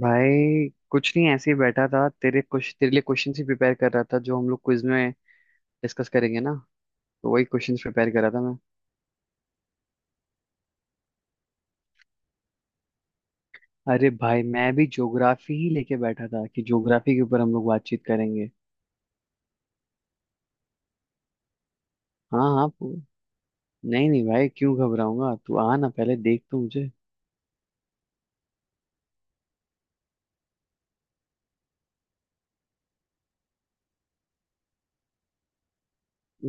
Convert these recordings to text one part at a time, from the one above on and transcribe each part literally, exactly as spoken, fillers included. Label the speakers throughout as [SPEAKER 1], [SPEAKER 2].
[SPEAKER 1] भाई कुछ नहीं। ऐसे ही बैठा था। तेरे कुछ तेरे लिए क्वेश्चन ही प्रिपेयर कर रहा था जो हम लोग क्विज में डिस्कस करेंगे ना। तो वही क्वेश्चंस प्रिपेयर कर रहा था मैं। अरे भाई मैं भी ज्योग्राफी ही लेके बैठा था कि ज्योग्राफी के ऊपर हम लोग बातचीत करेंगे। हाँ, हाँ, पू- नहीं नहीं भाई क्यों घबराऊंगा। तू आ ना पहले देख तो मुझे।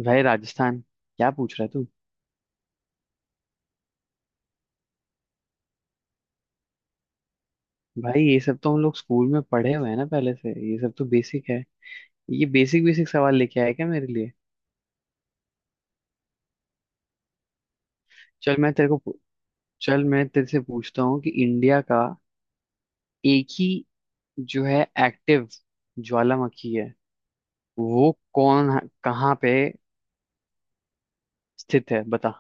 [SPEAKER 1] भाई राजस्थान। क्या पूछ रहा है तू? भाई ये सब तो हम लोग स्कूल में पढ़े हुए हैं ना पहले से। ये सब तो बेसिक है। ये बेसिक बेसिक सवाल लेके आया क्या मेरे लिए? चल मैं तेरे को पू- चल मैं तेरे से पूछता हूँ कि इंडिया का एक ही जो है एक्टिव ज्वालामुखी है वो कौन है- कहाँ पे स्थित है बता।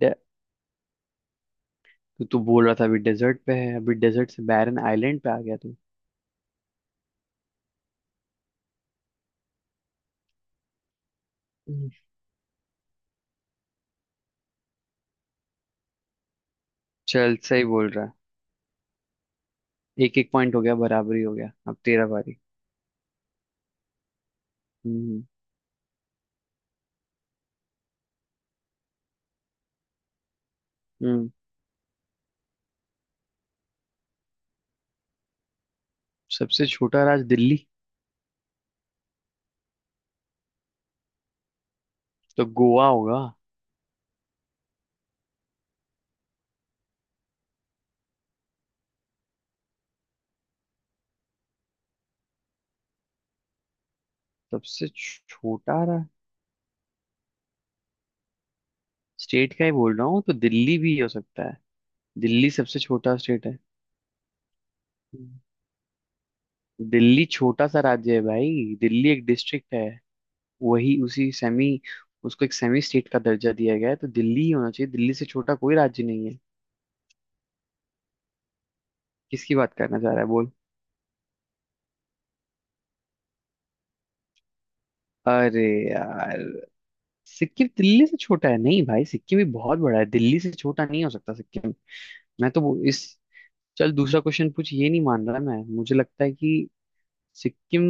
[SPEAKER 1] डे- तू तू बोल रहा था अभी डेजर्ट पे है। अभी डेजर्ट से बैरन आइलैंड पे आ गया तू? हम्म। चल सही बोल रहा है। एक एक पॉइंट हो गया। बराबरी हो गया। अब तेरा बारी। हम्म, हम्म। सबसे छोटा राज्य दिल्ली। तो गोवा होगा। सबसे छ- छोटा राज्य। स्टेट का ही बोल रहा हूँ तो दिल्ली भी हो सकता है। दिल्ली सबसे छोटा स्टेट है। हम्म। दिल्ली छोटा सा राज्य है भाई। दिल्ली एक डिस्ट्रिक्ट है। वही उसी सेमी उसको एक सेमी स्टेट का दर्जा दिया गया है। तो दिल्ली ही होना चाहिए। दिल्ली से छोटा कोई राज्य नहीं है। किसकी बात करना चाह रहा है बोल? अरे यार। सिक्किम दिल्ली से छोटा है नहीं भाई। सिक्किम भी बहुत बड़ा है। दिल्ली से छोटा नहीं हो सकता सिक्किम। मैं तो वो इस। चल दूसरा क्वेश्चन पूछ। ये नहीं मान रहा मैं। मुझे लगता है कि सिक्किम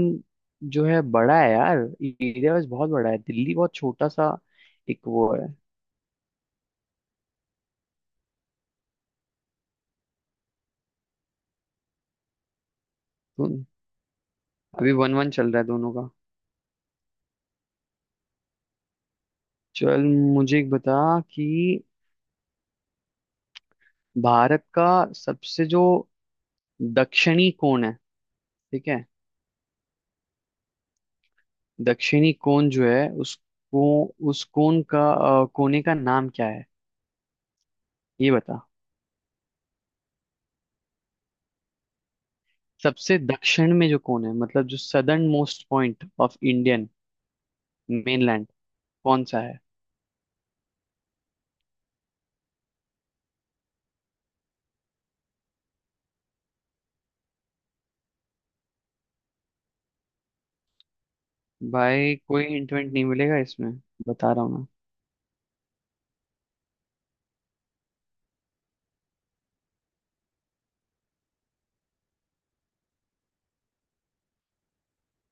[SPEAKER 1] जो है बड़ा है यार। एरिया वाइज बहुत बड़ा है। दिल्ली बहुत छोटा सा एक वो है। तो अभी वन वन चल रहा है दोनों का। चल मुझे एक बता कि भारत का सबसे जो दक्षिणी कोण है, ठीक है। दक्षिणी कोण जो है उसको उस कोण का, अ, कोने का नाम क्या है ये बता। सबसे दक्षिण में जो कोण है मतलब जो southern most point of Indian mainland कौन सा है? भाई कोई हिंट विंट नहीं मिलेगा इसमें। बता रहा हूँ ना।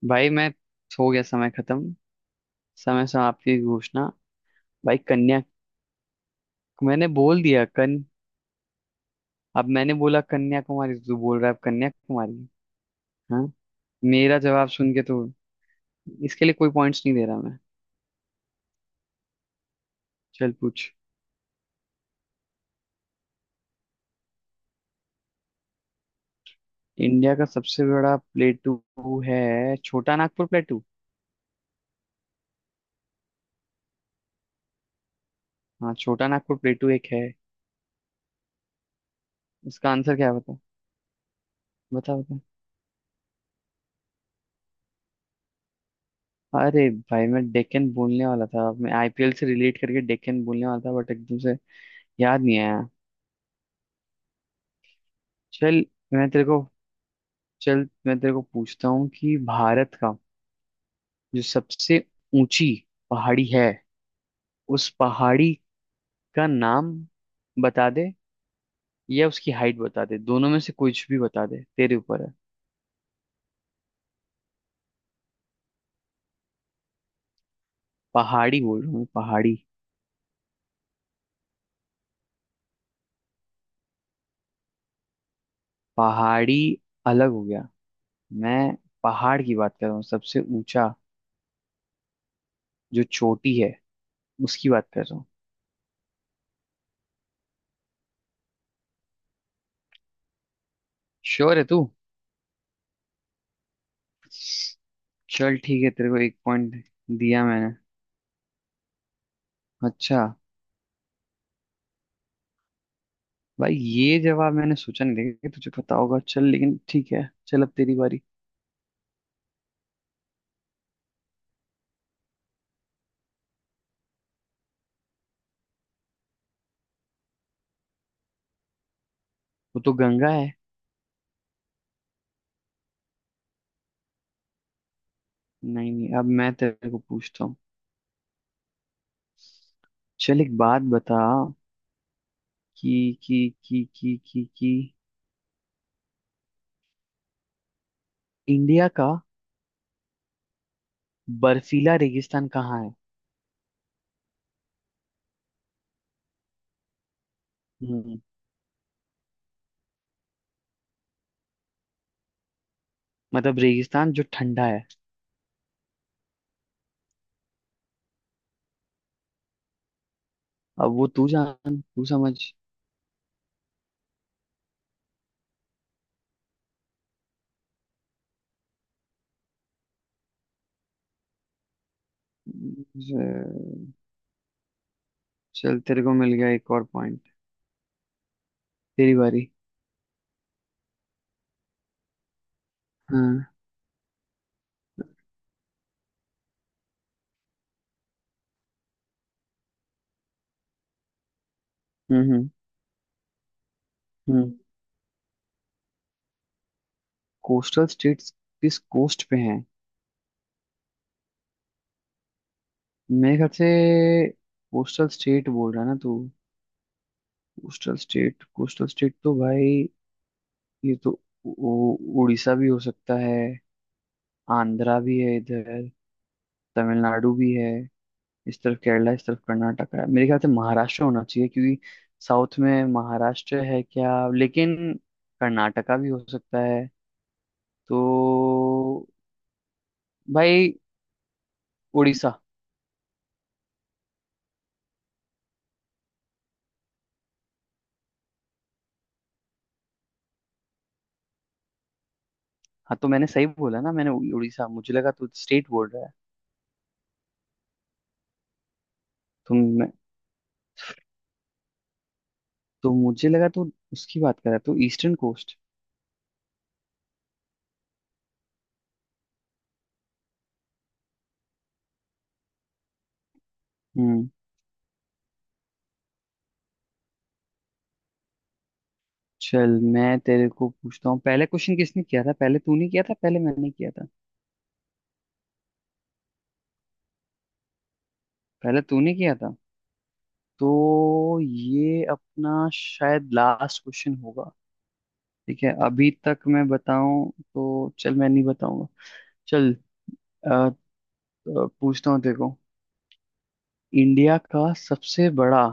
[SPEAKER 1] भाई मैं हो गया समय खत्म। समय समाप्ति की घोषणा। भाई कन्या, मैंने बोल दिया कन। अब मैंने बोला कन्याकुमारी तो तू बोल रहा है अब कन्याकुमारी। हाँ। मेरा जवाब सुन के तो इसके लिए कोई पॉइंट्स नहीं दे रहा मैं। चल पूछ। इंडिया का सबसे बड़ा प्लेटू है छोटा नागपुर प्लेटू। हाँ छोटा नागपुर प्लेटू एक है। इसका आंसर क्या है? बता, बता, बता। अरे भाई मैं डेक्कन बोलने वाला था। मैं आईपीएल से रिलेट करके डेक्कन बोलने वाला था बट एकदम से याद नहीं आया। चल मैं तेरे को चल मैं तेरे को पूछता हूँ कि भारत का जो सबसे ऊंची पहाड़ी है उस पहाड़ी का नाम बता दे या उसकी हाइट बता दे। दोनों में से कुछ भी बता दे, तेरे ऊपर है। पहाड़ी बोल रहा हूँ मैं, पहाड़ी। पहाड़ी अलग हो गया। मैं पहाड़ की बात कर रहा हूँ, सबसे ऊंचा जो चोटी है उसकी बात कर रहा हूँ। श्योर है तू? चल ठीक है, तेरे को एक पॉइंट दिया मैंने। अच्छा। भाई ये जवाब मैंने सोचा नहीं था कि तुझे पता होगा। चल लेकिन ठीक है। चल अब तेरी बारी। वो तो गंगा है। नहीं नहीं, अब मैं तेरे को पूछता हूँ। चल एक बात बता कि कि कि कि कि कि इंडिया का बर्फीला रेगिस्तान कहाँ है। हम्म मतलब रेगिस्तान जो ठंडा है। अब वो तू जान, तू समझ। अ, चल तेरे को मिल गया एक और पॉइंट। तेरी बारी। हाँ। हम्म, हम्म, हम्म। कोस्टल स्टेट्स किस कोस्ट पे हैं? मेरे ख्याल से, कोस्टल स्टेट बोल रहा है ना तू? कोस्टल स्टेट, कोस्टल स्टेट तो भाई ये तो उ- उ- उड़ीसा भी हो सकता है। आंध्रा भी है इधर। तमिलनाडु भी है। इस तरफ केरला, इस तरफ कर्नाटक है। मेरे ख्याल से महाराष्ट्र होना चाहिए क्योंकि साउथ में महाराष्ट्र है क्या लेकिन। कर्नाटका भी हो सकता है। तो भाई उड़ीसा। हाँ तो मैंने सही बोला ना। मैंने उ- उड़ीसा, मुझे लगा तू स्टेट बोल रहा है। तो मैं तो मुझे लगा तू उसकी बात कर रहा है, तो ईस्टर्न कोस्ट। हम्म। चल मैं तेरे को पूछता हूँ, पहले क्वेश्चन किसने किया था? पहले तूने किया था पहले मैंने किया था? पहले तूने किया था। तो ये अपना शायद लास्ट क्वेश्चन होगा। ठीक है, अभी तक मैं बताऊं तो चल मैं नहीं बताऊंगा। चल अ, अ, पूछता हूँ देखो। इंडिया का सबसे बड़ा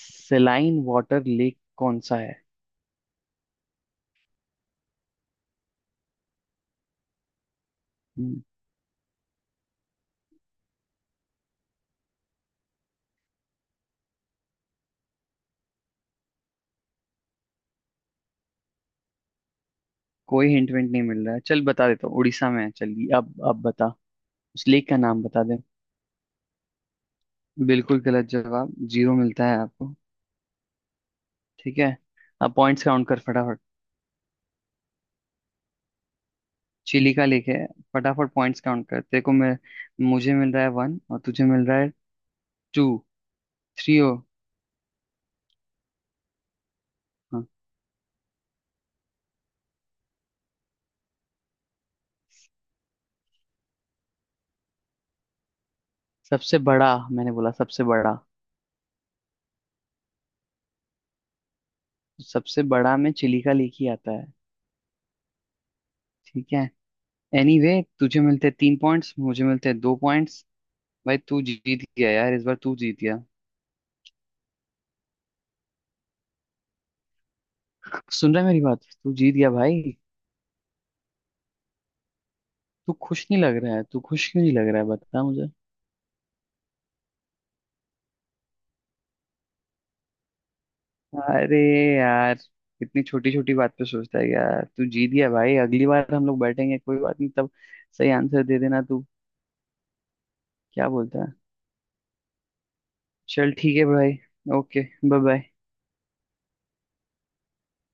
[SPEAKER 1] सेलाइन वाटर लेक कौन सा है? हम्म, कोई हिंट विंट नहीं मिल रहा है। चल बता देता हूँ, उड़ीसा में है। चलिए अब अब बता, उस लेक का नाम बता दे। बिल्कुल गलत जवाब, जीरो मिलता है आपको। ठीक है, अब पॉइंट्स काउंट कर फटाफट। चिली का लेके। फटाफट पॉइंट्स काउंट कर, तेरे को मैं। मुझे मिल रहा है वन और तुझे मिल रहा है टू, थ्री हो। हाँ सबसे बड़ा, मैंने बोला सबसे बड़ा। सबसे बड़ा में चिली का लेके आता है। ठीक है, एनीवे। तुझे मिलते तीन पॉइंट्स, मुझे मिलते दो पॉइंट्स। भाई तू जीत गया यार, इस बार तू जीत गया। सुन रहा है मेरी बात? तू जीत गया भाई। तू खुश नहीं लग रहा है। तू खुश क्यों नहीं लग रहा है, बता मुझे। अरे यार, इतनी छोटी छोटी बात पे सोचता है यार। तू जीत गया भाई, अगली बार हम लोग बैठेंगे कोई बात नहीं। तब सही आंसर दे देना तू। क्या बोलता है? चल ठीक है भाई। ओके। Bye bye.